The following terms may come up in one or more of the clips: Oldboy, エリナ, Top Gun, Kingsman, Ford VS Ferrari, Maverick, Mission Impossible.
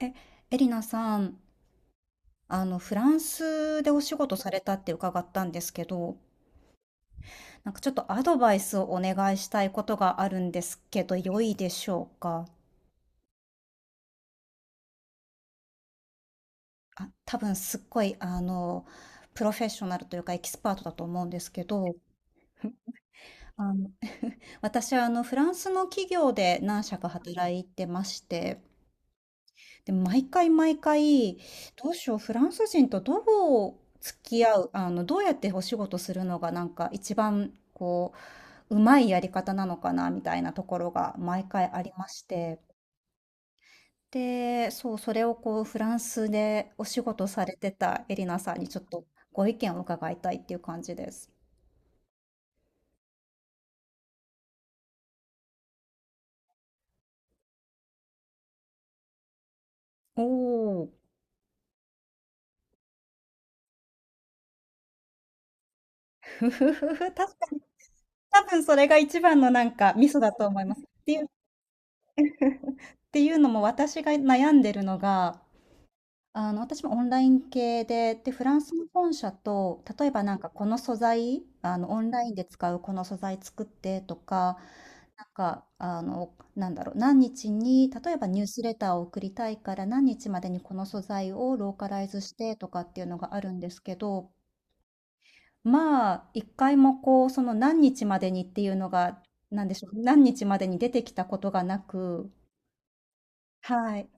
え、エリナさん、フランスでお仕事されたって伺ったんですけど、なんかちょっとアドバイスをお願いしたいことがあるんですけど、良いでしょうか。あ、多分すっごい、プロフェッショナルというかエキスパートだと思うんですけど、あの、私はフランスの企業で何社か働いてまして、で、毎回毎回、どうしよう、フランス人とどう付き合う、あの、どうやってお仕事するのがなんか一番こう、うまいやり方なのかなみたいなところが毎回ありまして。で、そう、それをこう、フランスでお仕事されてたエリナさんにちょっとご意見を伺いたいっていう感じです。おお、ふふふふ、確かに、多分それが一番のなんかミソだと思います。っていう、っていうのも私が悩んでるのが、私もオンライン系で、で、フランスの本社と、例えばなんかこの素材、オンラインで使うこの素材作ってとか、なんか、なんだろう、何日に、例えばニュースレターを送りたいから何日までにこの素材をローカライズしてとかっていうのがあるんですけど、まあ、一回もこう、その何日までにっていうのが、なんでしょう、何日までに出てきたことがなく、はい。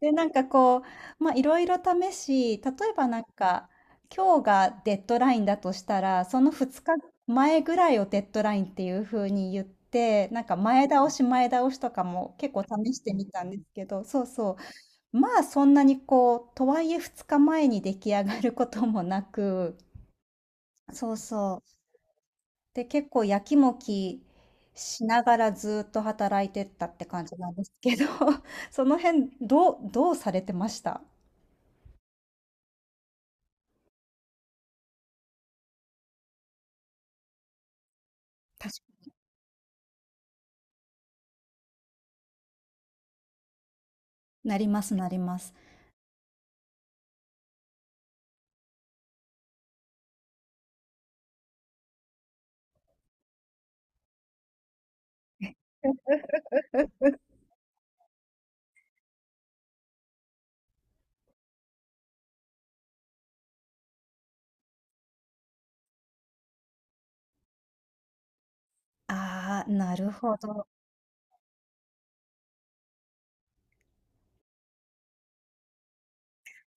で、なんかこう、まあ、いろいろ試し、例えばなんか、今日がデッドラインだとしたら、その2日前ぐらいをデッドラインっていう風に言って、なんか前倒し前倒しとかも結構試してみたんですけど、そうそう。まあそんなにこう、とはいえ2日前に出来上がることもなく、そうそう。で、結構やきもきしながらずっと働いてったって感じなんですけど、その辺どうされてました。なります、なります。ああ、なるほど。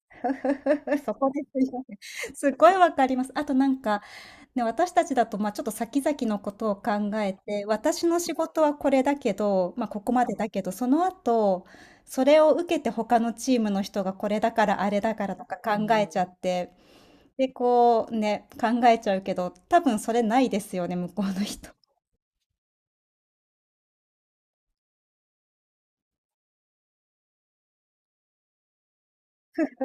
そこですよね。すごいわかります。あとなんか、ね、私たちだと、まあ、ちょっと先々のことを考えて、私の仕事はこれだけど、まあ、ここまでだけど、その後、それを受けて他のチームの人がこれだからあれだからとか考えちゃって、で、こうね、考えちゃうけど、多分それないですよね、向こうの人。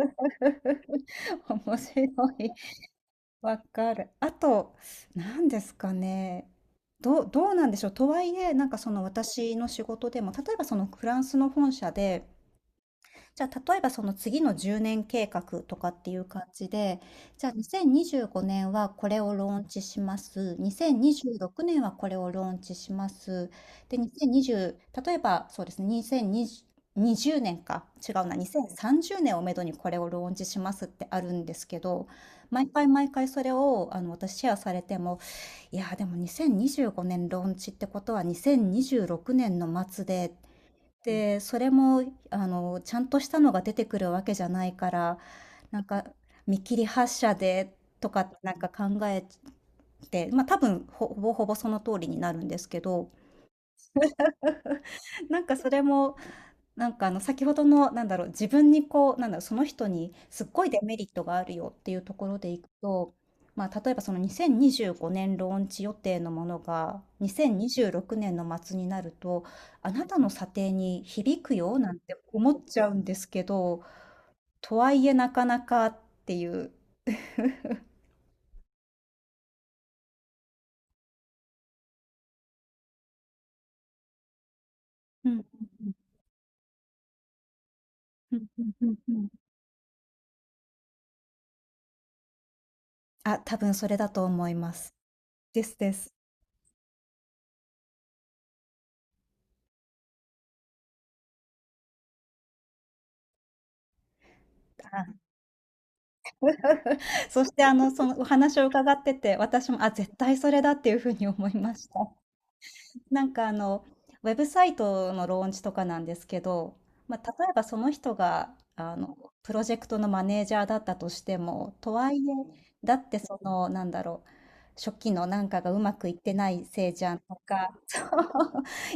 面白い。わかる。あと、何ですかね。どうなんでしょう。とはいえ、なんかその私の仕事でも、例えばそのフランスの本社で、じゃあ、例えばその次の10年計画とかっていう感じで、じゃあ2025年はこれをローンチします。2026年はこれをローンチします。で、2020、例えばそうですね、2020、年か、違うな、2030年をめどにこれをローンチしますってあるんですけど、毎回毎回それをあの私シェアされても、いやーでも2025年ローンチってことは2026年の末で、で、それもちゃんとしたのが出てくるわけじゃないから、なんか見切り発車でとかなんか考えて、まあ多分ほぼほぼその通りになるんですけど、なんかそれもなんかあの先ほどのなんだろう自分にこうなんだろうその人にすっごいデメリットがあるよっていうところでいくと、まあ、例えばその2025年ローンチ予定のものが2026年の末になると、あなたの査定に響くよなんて思っちゃうんですけど、とはいえなかなかっていう。うんうんうんうんうんうんうん。あ、多分それだと思います。ですです。そしてあの、そのお話を伺ってて、私も、あ、絶対それだっていうふうに思いました。なんかあの、ウェブサイトのローンチとかなんですけど、まあ、例えばその人があの、プロジェクトのマネージャーだったとしても、とはいえ、だってその、なんだろう、初期のなんかがうまくいってないせいじゃんとか、そう、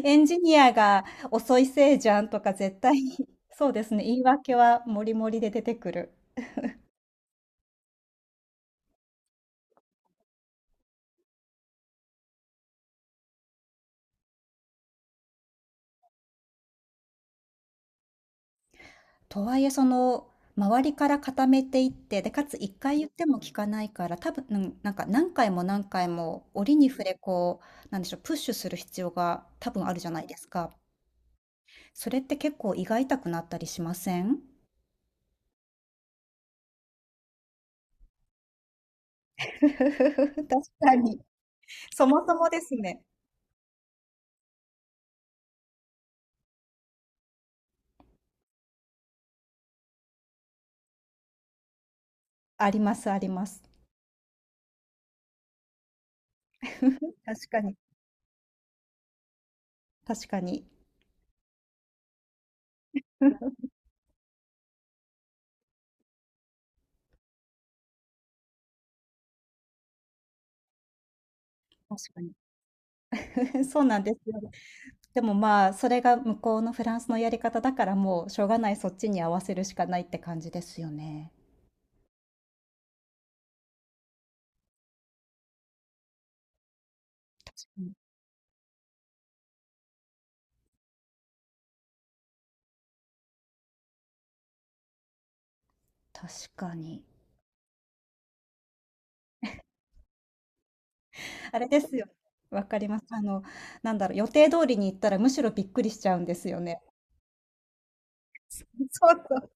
エンジニアが遅いせいじゃんとか絶対に、そうですね、言い訳はもりもりで出てくる。とはいえ、その、周りから固めていって、で、かつ1回言っても聞かないから、多分、うん、なんか何回も何回も折に触れこう、なんでしょう、プッシュする必要が多分あるじゃないですか。それって結構胃が痛くなったりしません？確かに。そもそもですね。ありますあります。確かに確かに確かに。そうなんですよ。でも、まあ、それが向こうのフランスのやり方だから、もうしょうがない、そっちに合わせるしかないって感じですよね。うん、確かに。あれですよ。わかります。あの、なんだろう、予定通りに行ったらむしろびっくりしちゃうんですよね。そうそう。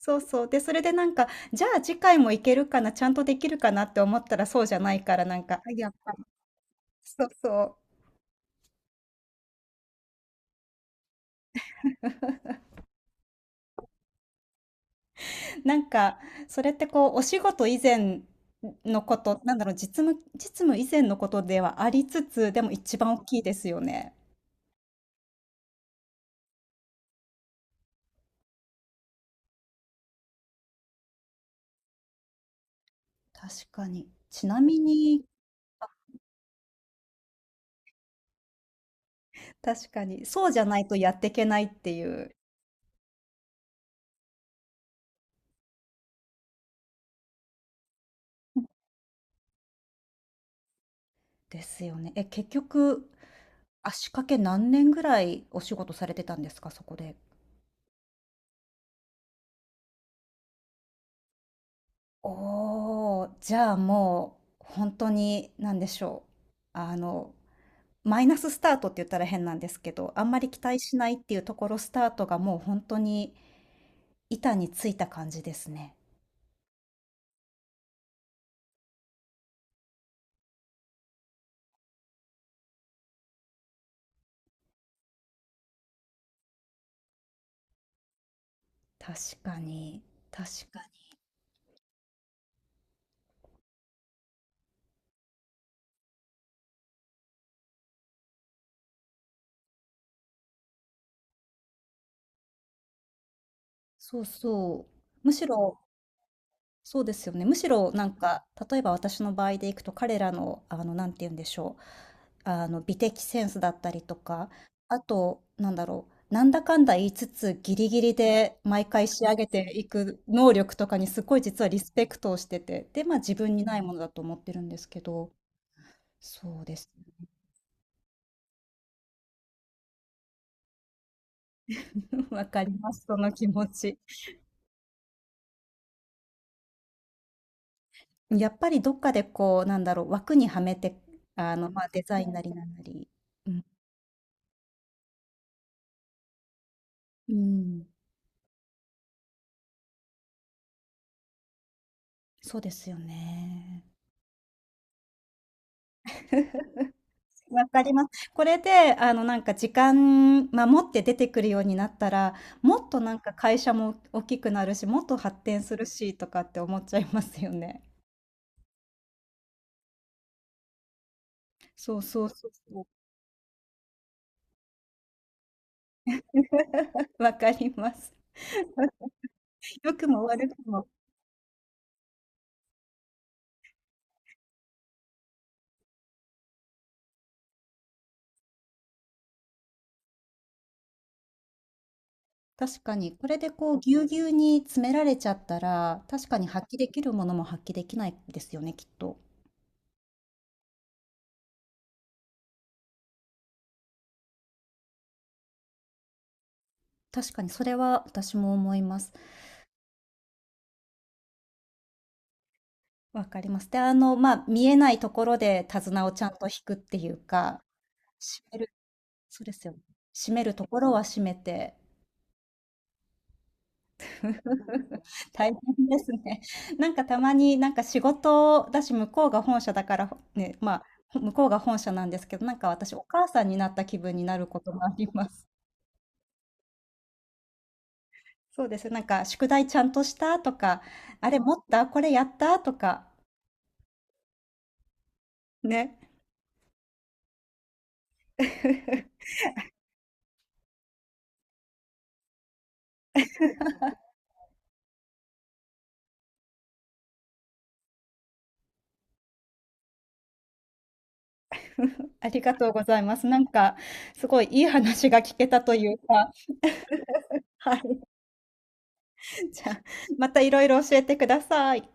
そうそう。で、それでなんか、じゃあ次回も行けるかな、ちゃんとできるかなって思ったらそうじゃないから、なんか、あやっぱり。そうそう。なんか、それってこう、お仕事以前のこと、なんだろう、実務、実務以前のことではありつつ、でも一番大きいですよね。確かに。ちなみに、確かに、そうじゃないとやっていけないっていう。ですよね。え、結局、足掛け何年ぐらいお仕事されてたんですか？そこで。おお、じゃあ、もう、本当に、なんでしょう、あの、マイナススタートって言ったら変なんですけど、あんまり期待しないっていうところスタートがもう本当に板についた感じですね。確かに、確かに。そうそう。むしろ。そうですよね。むしろなんか、例えば私の場合でいくと、彼らの、なんて言うんでしょう。あの、美的センスだったりとか、あと、なんだろう。なんだかんだ言いつつ、ギリギリで毎回仕上げていく能力とかにすごい実はリスペクトをしてて、で、まあ自分にないものだと思ってるんですけど、そうです。わかります、その気持ち。やっぱりどっかでこう、なんだろう、枠にはめて、まあデザインなりなんなり。うん。うん。そうですよね。わかります。これで、なんか時間守って出てくるようになったら、もっとなんか会社も大きくなるし、もっと発展するしとかって思っちゃいますよね。そうそうそうそう。わかります。良くも悪くも。確かに、これでこう、ぎゅうぎゅうに詰められちゃったら、確かに発揮できるものも発揮できないですよね、きっと。確かに、それは私も思います。わかります。で、まあ、見えないところで手綱をちゃんと引くっていうか、閉める、そうですよね。閉めるところは閉めて。大変ですね。なんかたまになんか仕事だし、向こうが本社だから、ね、まあ、向こうが本社なんですけど、なんか私お母さんになった気分になることもあります。そうです。なんか宿題ちゃんとしたとか、あれ持ったこれやったとか、ね。ありがとうございます。なんかすごいいい話が聞けたというか、はい。じゃあ、またいろいろ教えてください。